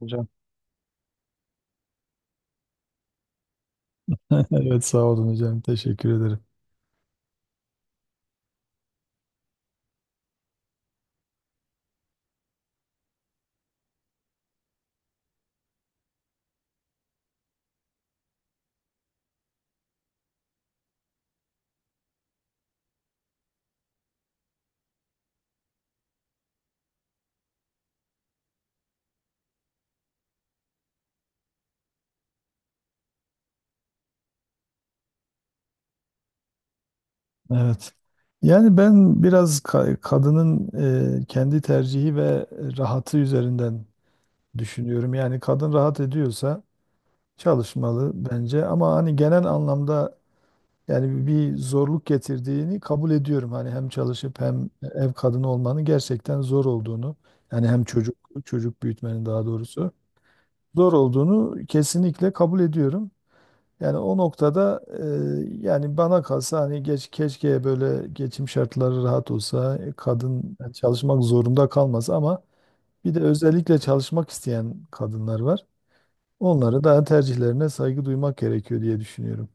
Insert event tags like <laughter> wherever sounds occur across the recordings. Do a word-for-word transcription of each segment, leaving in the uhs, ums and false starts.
Hocam. <laughs> Evet, sağ olun hocam, teşekkür ederim. Evet. Yani ben biraz ka- kadının e, kendi tercihi ve rahatı üzerinden düşünüyorum. Yani kadın rahat ediyorsa çalışmalı bence ama hani genel anlamda yani bir zorluk getirdiğini kabul ediyorum. Hani hem çalışıp hem ev kadını olmanın gerçekten zor olduğunu, yani hem çocuk çocuk büyütmenin daha doğrusu zor olduğunu kesinlikle kabul ediyorum. Yani o noktada e, yani bana kalsa hani geç keşke böyle geçim şartları rahat olsa e, kadın çalışmak zorunda kalmaz ama bir de özellikle çalışmak isteyen kadınlar var. Onlara da tercihlerine saygı duymak gerekiyor diye düşünüyorum.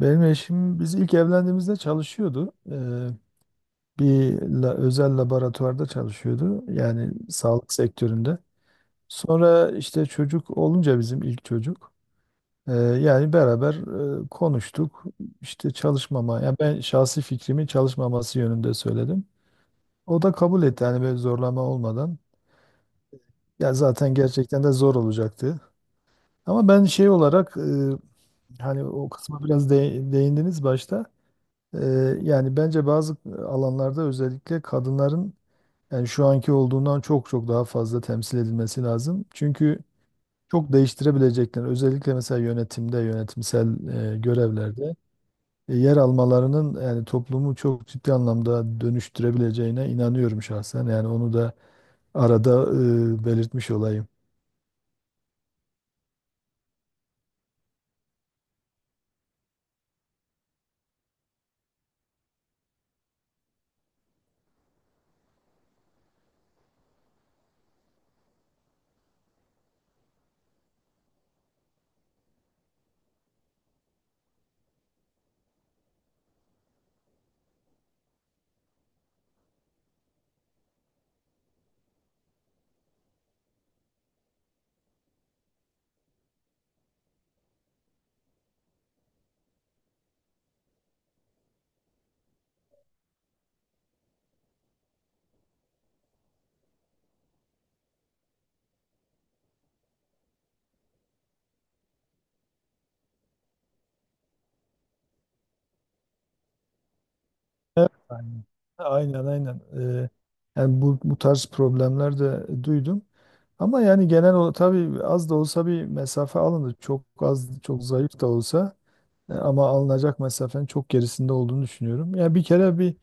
Benim eşim biz ilk evlendiğimizde çalışıyordu. Eee, bir la- özel laboratuvarda çalışıyordu. Yani sağlık sektöründe. Sonra işte çocuk olunca bizim ilk çocuk. Ee, yani beraber e, konuştuk. İşte çalışmama, yani ben şahsi fikrimi çalışmaması yönünde söyledim. O da kabul etti, yani böyle zorlama olmadan. Ya zaten gerçekten de zor olacaktı. Ama ben şey olarak e, hani o kısma biraz de- değindiniz başta. E, yani bence bazı alanlarda özellikle kadınların yani şu anki olduğundan çok çok daha fazla temsil edilmesi lazım. Çünkü çok değiştirebilecekler. Özellikle mesela yönetimde, yönetimsel e, görevlerde. E, yer almalarının yani toplumu çok ciddi anlamda dönüştürebileceğine inanıyorum şahsen. Yani onu da arada e, belirtmiş olayım. Evet, aynen aynen. aynen. E, Yani bu, bu tarz problemler de duydum. Ama yani genel olarak tabii az da olsa bir mesafe alındı. Çok az, çok zayıf da olsa e, ama alınacak mesafenin çok gerisinde olduğunu düşünüyorum. Yani bir kere bir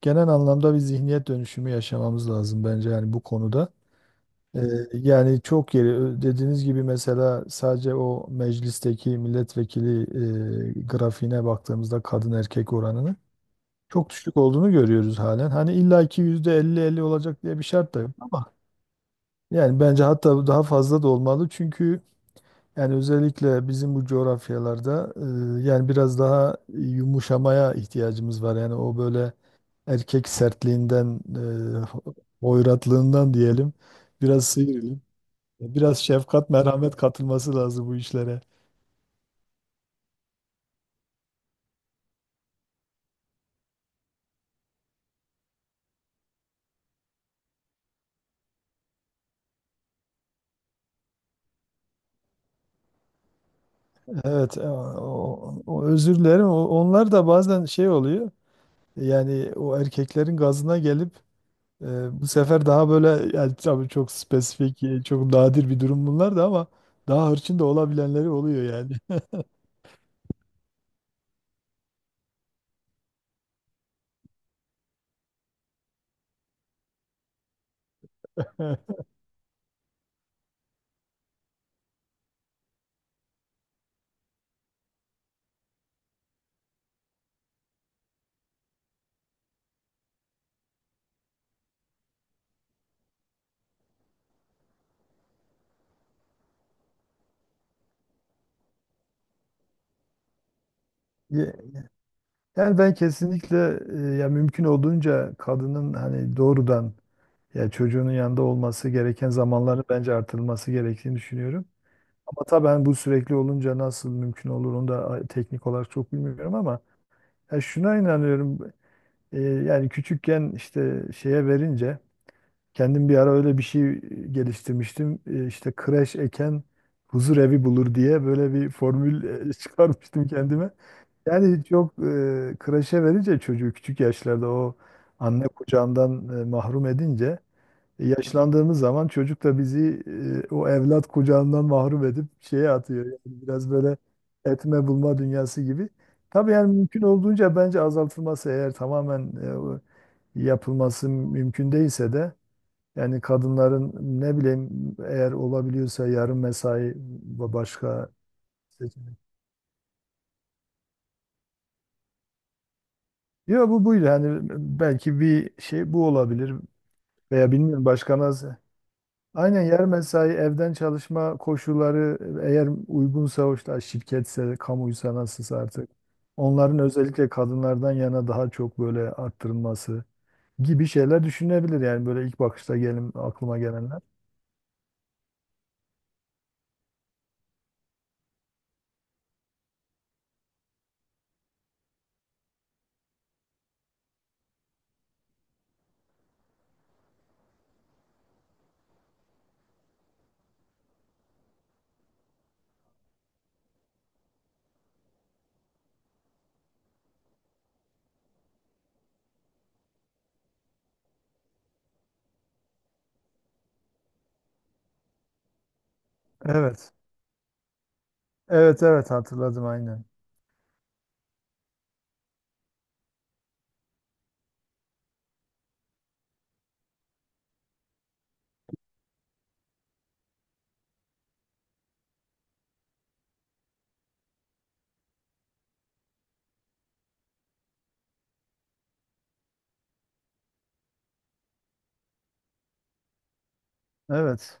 genel anlamda bir zihniyet dönüşümü yaşamamız lazım bence yani bu konuda. Ee, Yani çok yeri ö- dediğiniz gibi mesela sadece o meclisteki milletvekili e, grafiğine baktığımızda kadın erkek oranını çok düşük olduğunu görüyoruz halen. Hani illaki yüzde elli elli olacak diye bir şart da yok ama yani bence hatta daha fazla da olmalı çünkü yani özellikle bizim bu coğrafyalarda e, yani biraz daha yumuşamaya ihtiyacımız var. Yani o böyle erkek sertliğinden, e, hoyratlığından diyelim, biraz sıyrılıp biraz şefkat, merhamet katılması lazım bu işlere. Evet, e, o, o özür dilerim. O- Onlar da bazen şey oluyor. Yani o erkeklerin gazına gelip e, bu sefer daha böyle, yani tabii çok spesifik, e, çok nadir bir durum bunlar da ama daha hırçın da olabilenleri oluyor yani. <laughs> Ye- Yani ben kesinlikle e, ya mümkün olduğunca kadının hani doğrudan ya çocuğunun yanında olması gereken zamanları bence artırılması gerektiğini düşünüyorum. Ama tabii hani bu sürekli olunca nasıl mümkün olur onu da teknik olarak çok bilmiyorum ama ya şuna inanıyorum. E, yani küçükken işte şeye verince kendim bir ara öyle bir şey geliştirmiştim. E, işte kreş eken huzur evi bulur diye böyle bir formül e, <laughs> çıkarmıştım kendime. Yani çok e, kreşe verince çocuğu küçük yaşlarda o anne kucağından e, mahrum edince, yaşlandığımız zaman çocuk da bizi e, o evlat kucağından mahrum edip şeye atıyor. Yani biraz böyle etme bulma dünyası gibi. Tabii yani mümkün olduğunca bence azaltılması, eğer tamamen e, o yapılması mümkün değilse de yani kadınların ne bileyim eğer olabiliyorsa yarım mesai ve başka seçenek. Yok, bu buydu. Yani belki bir şey bu olabilir veya bilmiyorum başka nasıl. Aynen, yer mesai, evden çalışma koşulları eğer uygunsa, o işte şirketse kamuysa nasılsa artık, onların özellikle kadınlardan yana daha çok böyle arttırılması gibi şeyler düşünebilir, yani böyle ilk bakışta gelin aklıma gelenler. Evet. Evet, evet, hatırladım aynen. Evet.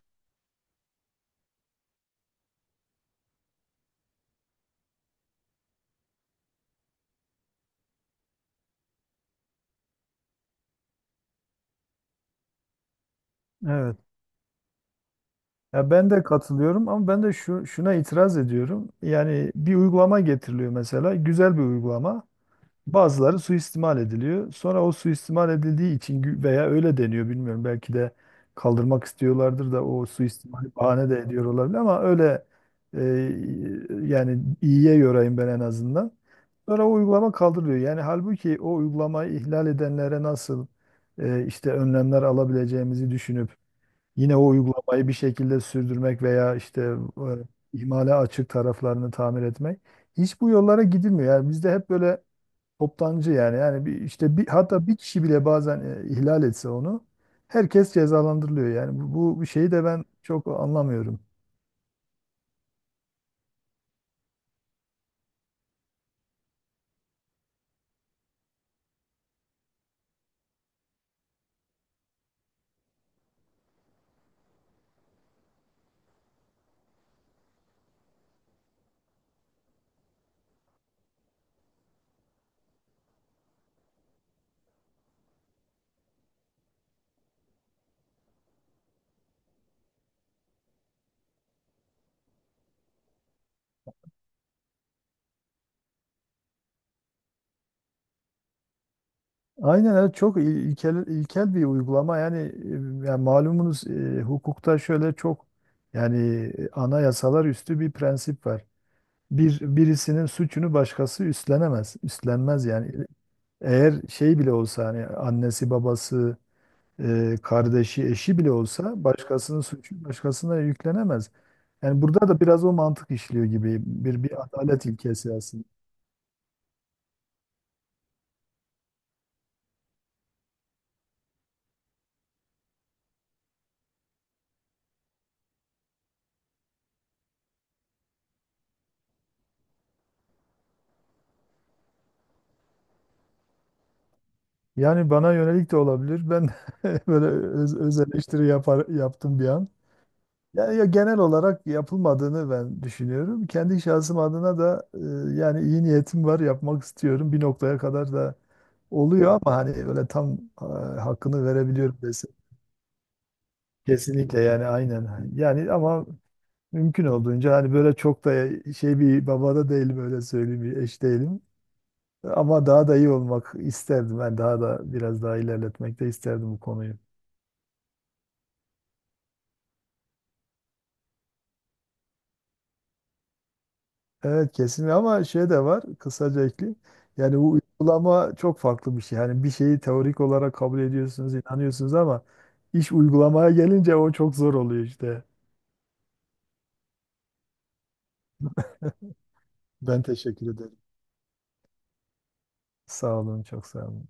Evet. Ya ben de katılıyorum ama ben de şu şuna itiraz ediyorum. Yani bir uygulama getiriliyor mesela, güzel bir uygulama. Bazıları suistimal ediliyor. Sonra o suistimal edildiği için gü- veya öyle deniyor bilmiyorum. Belki de kaldırmak istiyorlardır da o suistimali bahane de ediyor olabilir ama öyle e, yani iyiye yorayım ben en azından. Sonra o uygulama kaldırılıyor. Yani halbuki o uygulamayı ihlal edenlere nasıl e, işte önlemler alabileceğimizi düşünüp yine o uygulamayı bir şekilde sürdürmek veya işte e, ihmale açık taraflarını tamir etmek, hiç bu yollara gidilmiyor. Yani bizde hep böyle toptancı, yani yani bir işte bir hatta bir kişi bile bazen e, ihlal etse onu herkes cezalandırılıyor. Yani bu, bu bu şeyi de ben çok anlamıyorum. Aynen evet, çok il- ilkel ilkel bir uygulama yani, e, yani malumunuz, e, hukukta şöyle çok yani e, anayasalar üstü bir prensip var. Bir birisinin suçunu başkası üstlenemez. Üstlenmez yani. Eğer şey bile olsa hani annesi babası e, kardeşi, eşi bile olsa, başkasının suçu başkasına yüklenemez. Yani burada da biraz o mantık işliyor gibi, bir bir adalet ilkesi aslında. Yani bana yönelik de olabilir. Ben <laughs> böyle öz, öz eleştiri yapar, yaptım bir an. Ya, ya genel olarak yapılmadığını ben düşünüyorum. Kendi şahsım adına da e, yani iyi niyetim var, yapmak istiyorum. Bir noktaya kadar da oluyor ama hani öyle tam e, hakkını verebiliyorum desem. Kesinlikle yani aynen. Yani ama mümkün olduğunca hani böyle çok da şey bir babada değilim öyle söyleyeyim, bir eş değilim. Ama daha da iyi olmak isterdim. Ben daha da biraz daha ilerletmek de isterdim bu konuyu. Evet, kesinlikle ama şey de var, kısaca ekleyeyim. Yani bu uygulama çok farklı bir şey. Hani bir şeyi teorik olarak kabul ediyorsunuz, inanıyorsunuz ama iş uygulamaya gelince o çok zor oluyor işte. Ben teşekkür ederim. Sağ olun, çok sağ olun.